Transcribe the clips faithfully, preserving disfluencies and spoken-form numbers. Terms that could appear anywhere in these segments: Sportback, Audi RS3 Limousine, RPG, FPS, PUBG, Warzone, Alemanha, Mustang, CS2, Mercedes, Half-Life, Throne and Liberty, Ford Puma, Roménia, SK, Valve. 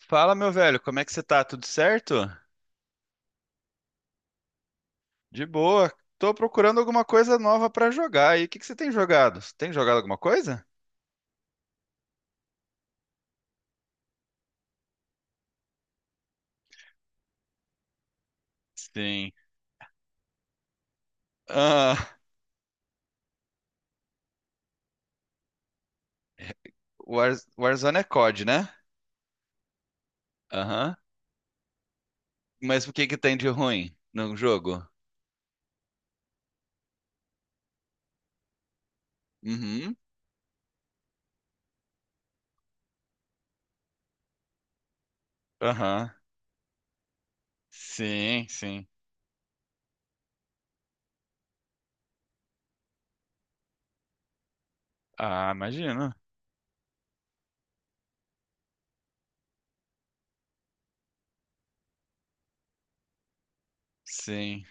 Fala, meu velho, como é que você tá? Tudo certo? De boa. Tô procurando alguma coisa nova pra jogar. E o que que você tem jogado? Você Tem jogado alguma coisa? Sim. Ah, War- Warzone é códi, né? Aham. Mas o que que tem de ruim no jogo? Uhum. Aham. Sim, sim. Ah, imagino. Sim.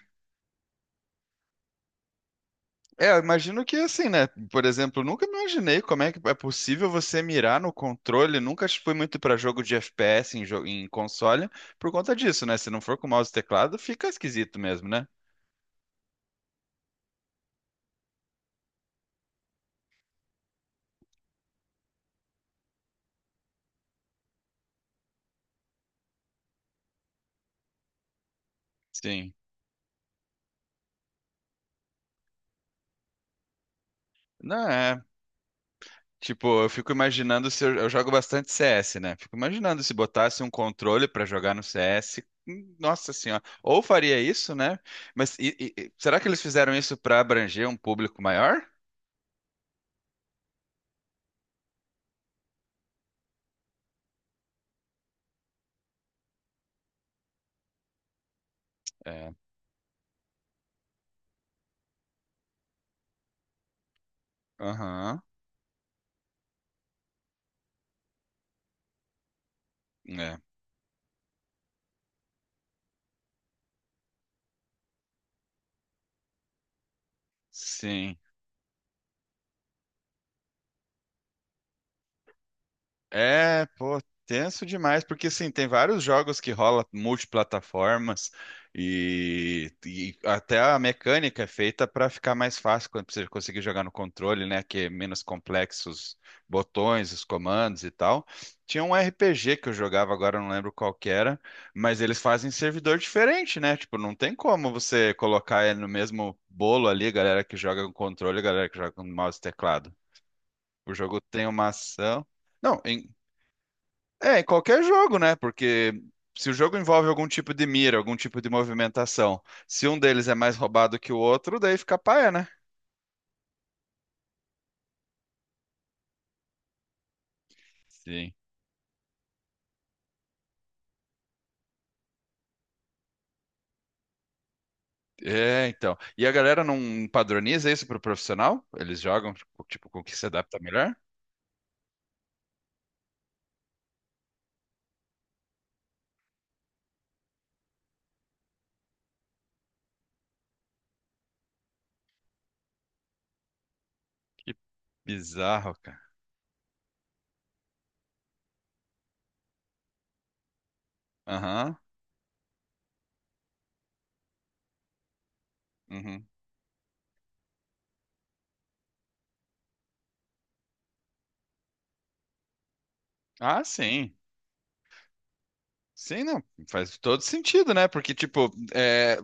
É, eu imagino que assim, né? Por exemplo, eu nunca imaginei como é que é possível você mirar no controle. Nunca fui muito para jogo de F P S em, jo- em console por conta disso, né? Se não for com mouse e teclado, fica esquisito mesmo, né? Sim. Não é. Tipo, eu fico imaginando se eu, eu jogo bastante C S, né? Fico imaginando se botasse um controle pra jogar no C S. hum, Nossa senhora. Ou faria isso, né? Mas e- e- e- será que eles fizeram isso pra abranger um público maior? É. Aham. É. Sim. É, pô, tenso demais, porque assim, tem vários jogos que rola multiplataformas e, e até a mecânica é feita para ficar mais fácil quando você conseguir jogar no controle, né, que é menos complexos botões, os comandos e tal. Tinha um R P G que eu jogava agora, eu não lembro qual que era, mas eles fazem servidor diferente, né? Tipo, não tem como você colocar ele no mesmo bolo ali, galera que joga com controle, e galera que joga com mouse e teclado. O jogo tem uma ação. Não, em- é, em qualquer jogo, né? Porque se o jogo envolve algum tipo de mira, algum tipo de movimentação, se um deles é mais roubado que o outro, daí fica paia, né? Sim. É, então. E a galera não padroniza isso pro profissional? Eles jogam, tipo, tipo, com o que se adapta melhor? Que bizarro, cara. Aham. Uhum. Ah, sim. Sim, não, faz todo sentido, né? Porque, tipo, é,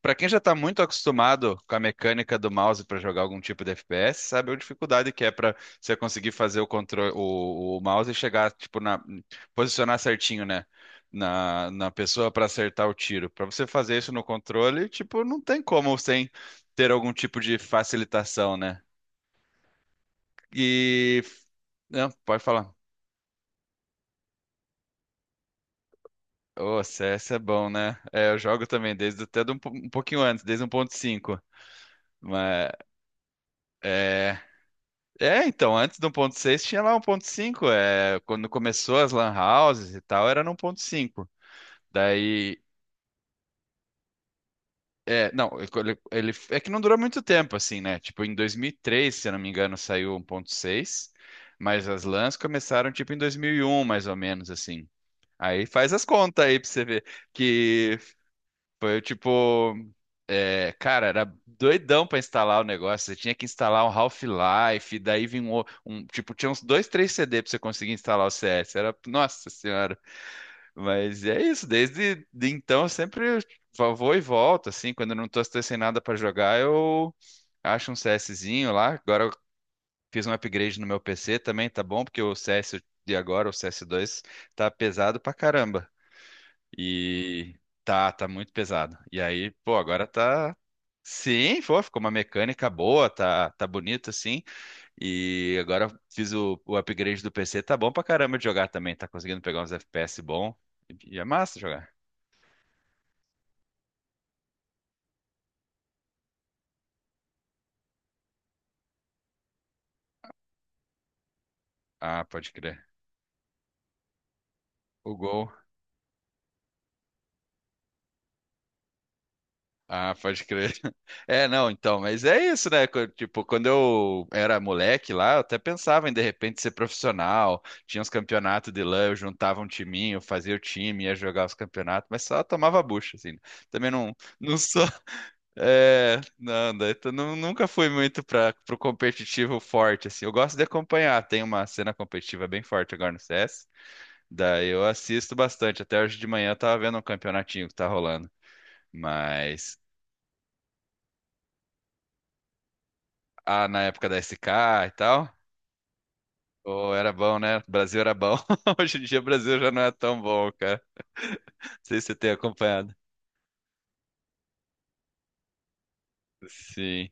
para quem já tá muito acostumado com a mecânica do mouse para jogar algum tipo de F P S, sabe a dificuldade que é para você conseguir fazer o controle, o, o mouse e chegar, tipo, na, posicionar certinho, né? Na, na pessoa para acertar o tiro. Para você fazer isso no controle, tipo, não tem como sem ter algum tipo de facilitação, né? E. Não, pode falar. Ô, C S é bom, né? É, eu jogo também desde até de um, po- um pouquinho antes, desde um ponto cinco. Mas é, é, então, antes do um ponto seis tinha lá um ponto cinco. É, quando começou as LAN houses e tal, era no um ponto cinco. Daí, é, não, ele, ele- é que não durou muito tempo assim, né? Tipo, em dois mil e três, se eu não me engano, saiu um ponto seis. Mas as LANs começaram tipo em dois mil e um, mais ou menos assim. Aí faz as contas aí pra você ver que foi tipo. É, cara, era doidão pra instalar o negócio. Você tinha que instalar um Half-Life, daí vinha um, o- um- tipo, tinha uns dois, três C D pra você conseguir instalar o C S. Era, nossa senhora. Mas é isso, desde de então eu sempre vo- vou e volto, assim. Quando eu não tô, tô sem nada pra jogar, eu acho um CSzinho lá. Agora eu fiz um upgrade no meu P C também, tá bom? Porque o C S de agora, o C S dois, tá pesado pra caramba. E tá, tá muito pesado. E aí, pô, agora tá. Sim, pô, ficou uma mecânica boa, tá, tá bonito assim. E agora fiz o, o upgrade do P C, tá bom pra caramba de jogar também. Tá conseguindo pegar uns F P S bom. E é massa jogar. Ah, pode crer. O Gol. Ah, pode crer. É, não, então, mas é isso, né? Co- Tipo, quando eu era moleque lá, eu até pensava em de repente ser profissional. Tinha uns campeonatos de lã, eu juntava um timinho, fazia o time, ia jogar os campeonatos, mas só tomava bucha, assim. Também não, não sou. É, não, daí tu nu- nunca fui muito para pro competitivo forte, assim. Eu gosto de acompanhar, tem uma cena competitiva bem forte agora no C S. Daí eu assisto bastante. Até hoje de manhã eu tava vendo um campeonatinho que tá rolando. Mas. Ah, na época da S K e tal. Oh, era bom, né? O Brasil era bom. Hoje em dia o Brasil já não é tão bom, cara. Não sei se você tem acompanhado. Sim.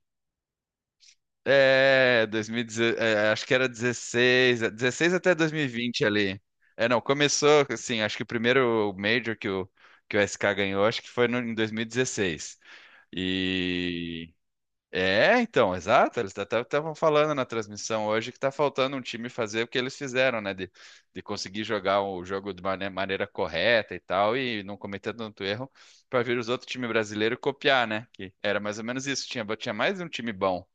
É, dois mil e dezesseis, é, acho que era dezesseis, é, dezesseis até dois mil e vinte ali. É, não, começou assim, acho que o primeiro Major que o, que o S K ganhou, acho que foi no- em dois mil e dezesseis. E dezesseis. E. É, então, exato. Eles até estavam falando na transmissão hoje que está faltando um time fazer o que eles fizeram, né? De, de conseguir jogar o jogo de mane- maneira correta e tal, e não cometer tanto erro para vir os outros times brasileiros copiar, né? Que era mais ou menos isso. Tinha, tinha mais um time bom.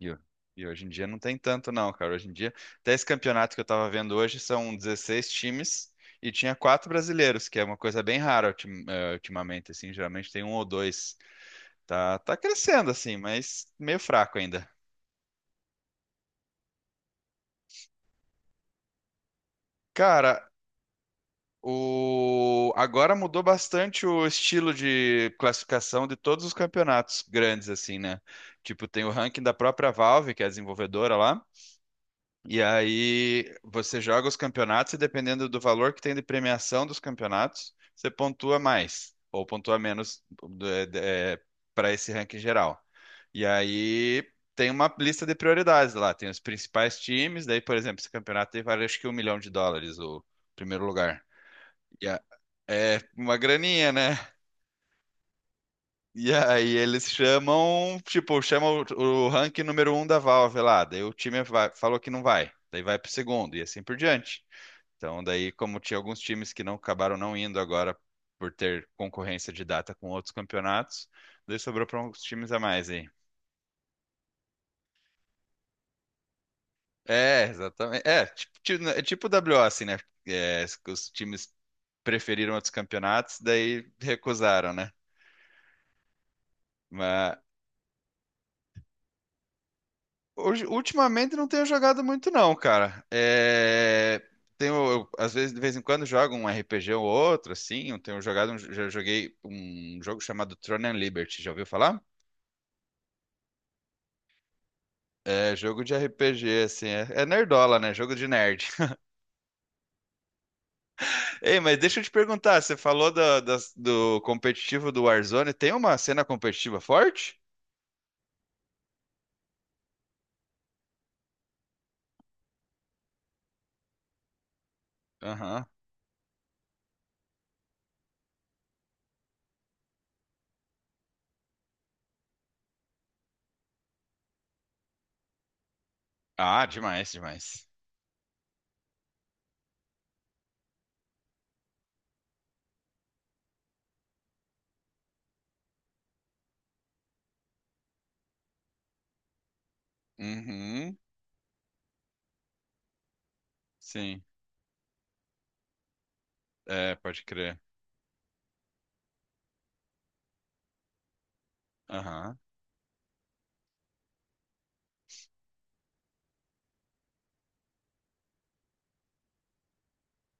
E, o- e hoje em dia não tem tanto, não, cara. Hoje em dia, até esse campeonato que eu estava vendo hoje são dezesseis times e tinha quatro brasileiros, que é uma coisa bem rara ultim- eh, ultimamente, assim. Geralmente tem um ou dois. Tá, tá crescendo assim, mas meio fraco ainda. Cara, o agora mudou bastante o estilo de classificação de todos os campeonatos grandes assim, né? Tipo, tem o ranking da própria Valve, que é a desenvolvedora lá. E aí você joga os campeonatos e dependendo do valor que tem de premiação dos campeonatos, você pontua mais ou pontua menos para esse ranking geral. E aí tem uma lista de prioridades lá, tem os principais times, daí, por exemplo, esse campeonato tem vale acho que um milhão de dólares o primeiro lugar. E a- É uma graninha, né? E aí eles chamam, tipo, chamam o, o ranking número um da Valve lá, daí o time vai- falou que não vai, daí vai pro segundo e assim por diante. Então, daí, como tinha alguns times que não acabaram não indo agora por ter concorrência de data com outros campeonatos, daí sobrou para uns times a mais aí. É, exatamente. É, tipo, ti- né, é tipo W O, assim, né? É, os times preferiram outros campeonatos, daí recusaram, né? Mas hoje, ultimamente não tenho jogado muito, não, cara. É, tenho, eu, às vezes, de vez em quando, jogo um R P G ou outro, assim. Eu tenho jogado, um- já joguei um jogo chamado Throne and Liberty, já ouviu falar? É, jogo de R P G, assim, é, é nerdola, né? Jogo de nerd. Ei, mas deixa eu te perguntar, você falou da- das- do, competitivo do Warzone, tem uma cena competitiva forte? Aham. Ah, demais, demais. Uhum, sim. É, pode crer. Aham.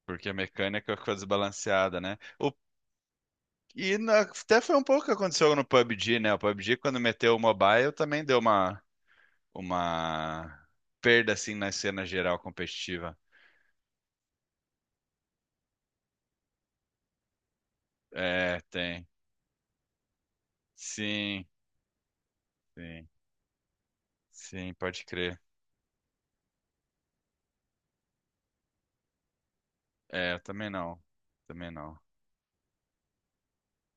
Porque a mecânica ficou desbalanceada, né? O. E na- até foi um pouco o que aconteceu no pabegê, né? O pabegê, quando meteu o mobile, também deu uma, uma perda, assim, na cena geral competitiva. É, tem. Sim. Sim, sim, pode crer. É, eu também não. Também não.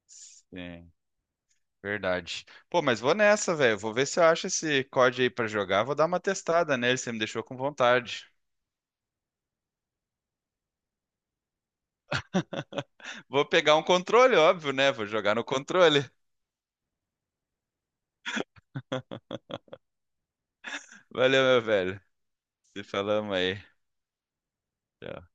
Sim, verdade. Pô, mas vou nessa, velho. Vou ver se eu acho esse código aí pra jogar. Vou dar uma testada nele, você me deixou com vontade. Vou pegar um controle, óbvio, né? Vou jogar no controle. Valeu, meu velho. Se falamos aí. Tchau.